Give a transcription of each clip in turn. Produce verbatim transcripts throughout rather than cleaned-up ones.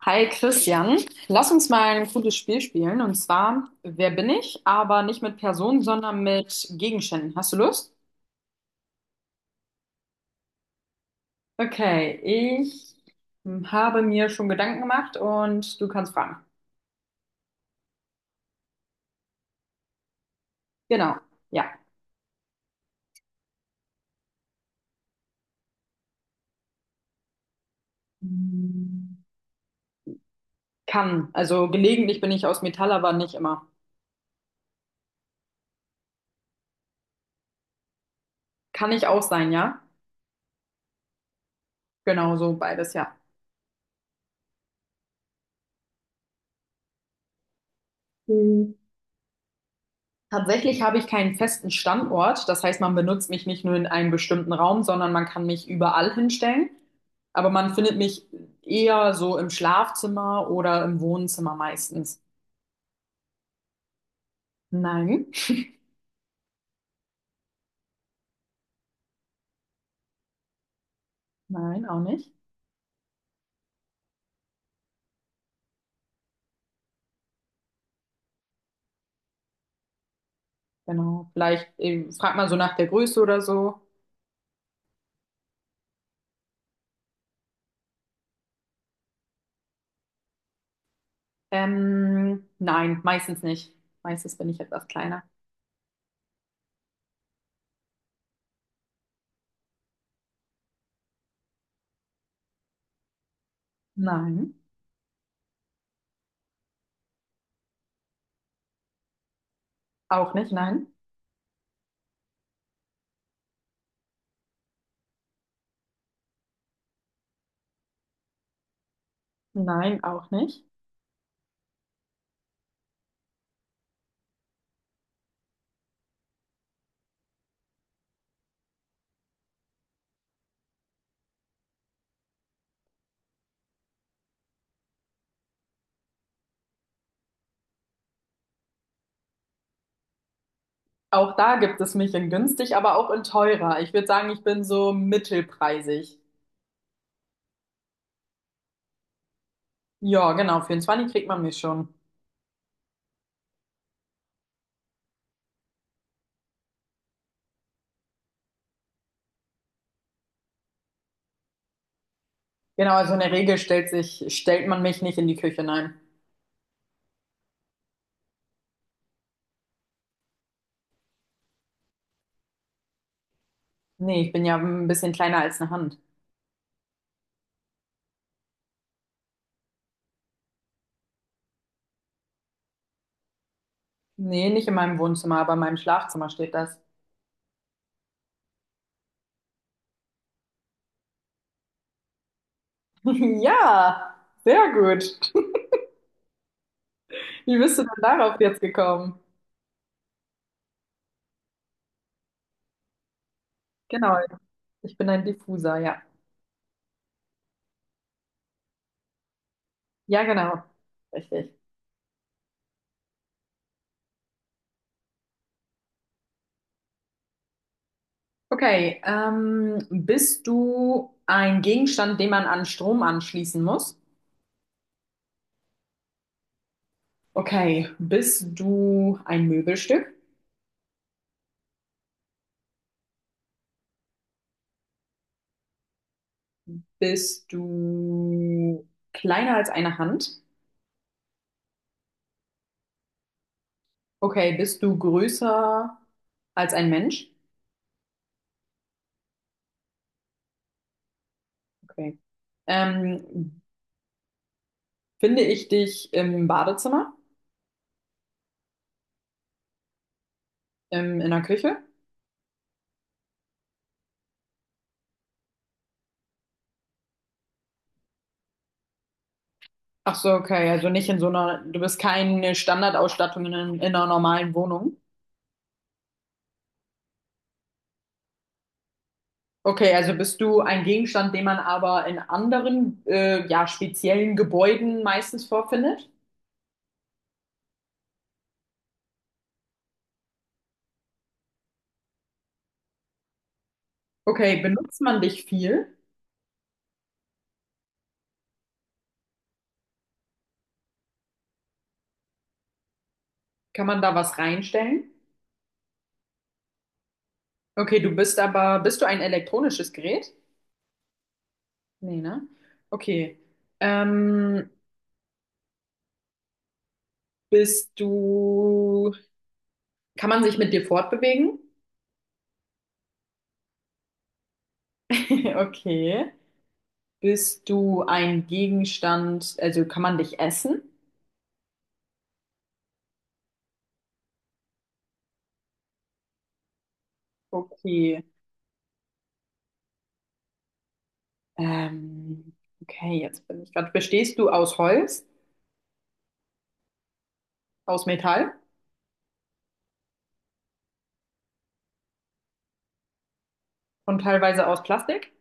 Hi Christian, lass uns mal ein cooles Spiel spielen, und zwar: Wer bin ich? Aber nicht mit Personen, sondern mit Gegenständen. Hast du Lust? Okay, ich habe mir schon Gedanken gemacht und du kannst fragen. Genau, ja. Hm, kann, also gelegentlich bin ich aus Metall, aber nicht immer. Kann ich auch sein, ja? Genau, so beides, ja. Hm. Tatsächlich habe ich keinen festen Standort, das heißt, man benutzt mich nicht nur in einem bestimmten Raum, sondern man kann mich überall hinstellen. Aber man findet mich eher so im Schlafzimmer oder im Wohnzimmer meistens. Nein, nein, auch nicht. Genau. Vielleicht äh, fragt man so nach der Größe oder so. Ähm, nein, meistens nicht. Meistens bin ich etwas kleiner. Nein, auch nicht, nein. Nein, auch nicht. Auch da gibt es mich in günstig, aber auch in teurer. Ich würde sagen, ich bin so mittelpreisig. Ja, genau, für zwanzig kriegt man mich schon. Genau, also in der Regel stellt sich, stellt man mich nicht in die Küche, nein. Nee, ich bin ja ein bisschen kleiner als eine Hand. Nee, nicht in meinem Wohnzimmer, aber in meinem Schlafzimmer steht das. Ja, sehr gut. Wie bist du denn darauf jetzt gekommen? Genau, ich bin ein Diffuser, ja. Ja, genau. Richtig. Okay, ähm, bist du ein Gegenstand, den man an Strom anschließen muss? Okay, bist du ein Möbelstück? Bist du kleiner als eine Hand? Okay, bist du größer als ein Mensch? Okay. Ähm, finde ich dich im Badezimmer, im, in der Küche? Ach so, okay, also nicht in so einer, du bist keine Standardausstattung in, in einer normalen Wohnung. Okay, also bist du ein Gegenstand, den man aber in anderen, äh, ja, speziellen Gebäuden meistens vorfindet? Okay, benutzt man dich viel? Kann man da was reinstellen? Okay, du bist aber, bist du ein elektronisches Gerät? Nee, ne? Okay. Ähm, bist du Kann man sich mit dir fortbewegen? Okay. Bist du ein Gegenstand, also kann man dich essen? Okay. Ähm, okay, jetzt bin ich gerade. Bestehst du aus Holz, aus Metall und teilweise aus Plastik?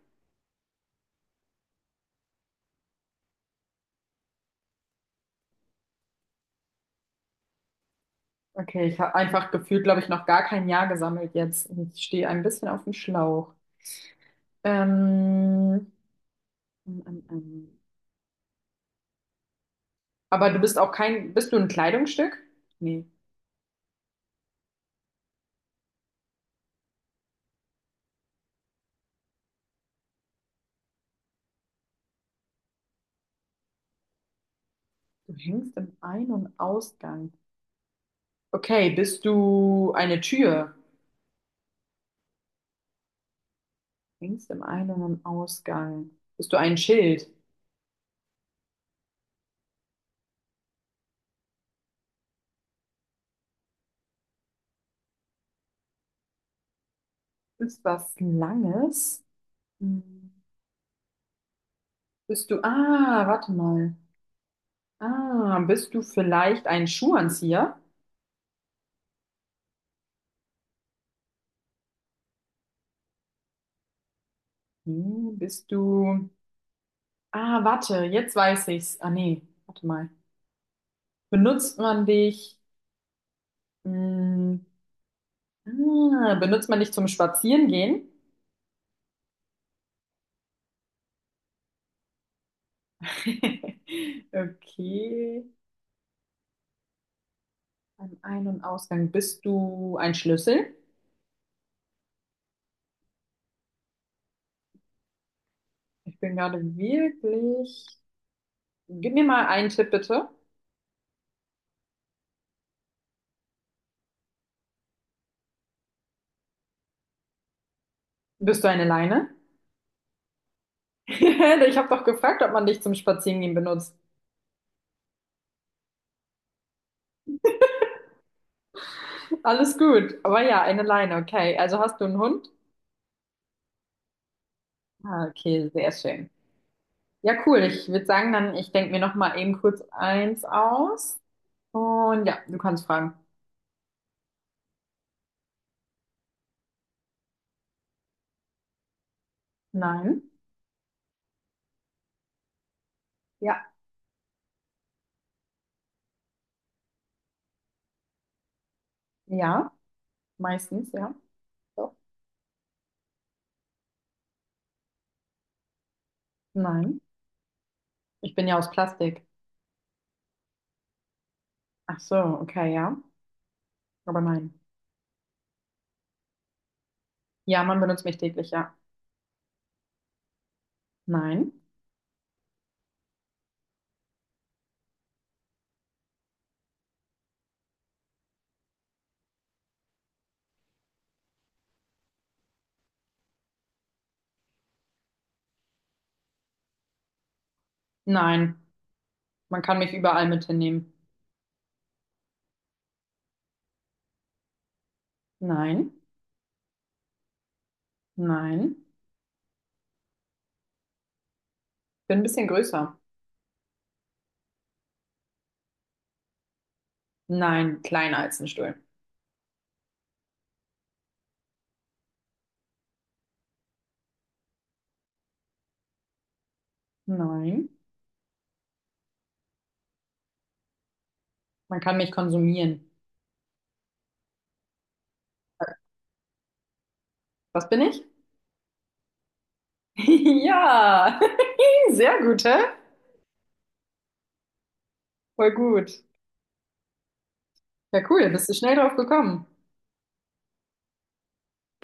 Okay, ich habe einfach gefühlt, glaube ich, noch gar kein Ja gesammelt jetzt. Ich stehe ein bisschen auf dem Schlauch. Ähm, ähm, ähm, ähm. Aber du bist auch kein, bist du ein Kleidungsstück? Nee, du hängst im Ein- und Ausgang. Okay, bist du eine Tür? Längst im Ein- und im Ausgang. Bist du ein Schild? Ist was Langes? Hm. Bist du, ah, warte mal. Ah, bist du vielleicht ein Schuhanzieher? Hm, bist du, ah, warte, jetzt weiß ich's. Ah, nee, warte mal. Benutzt man dich, hm, ah, benutzt man dich zum Spazierengehen? Okay. Am Ein- und Ausgang. Bist du ein Schlüssel? Ich bin gerade wirklich. Gib mir mal einen Tipp, bitte. Bist du eine Leine? Ich habe doch gefragt, ob man dich zum Spazierengehen benutzt. Alles gut. Aber ja, eine Leine, okay. Also hast du einen Hund? Ah, okay, sehr schön. Ja, cool. Ich würde sagen, dann, ich denke mir noch mal eben kurz eins aus. Und ja, du kannst fragen. Nein. Ja. Ja. Meistens, ja. So. Nein. Ich bin ja aus Plastik. Ach so, okay, ja. Aber nein. Ja, man benutzt mich täglich, ja. Nein. Nein. Man kann mich überall mit hinnehmen. Nein, nein, bin ein bisschen größer. Nein, kleiner als ein Stuhl. Nein. Man kann mich konsumieren. Was bin ich? Ja, sehr gut, hä? Voll gut. Ja, cool, bist du schnell drauf gekommen.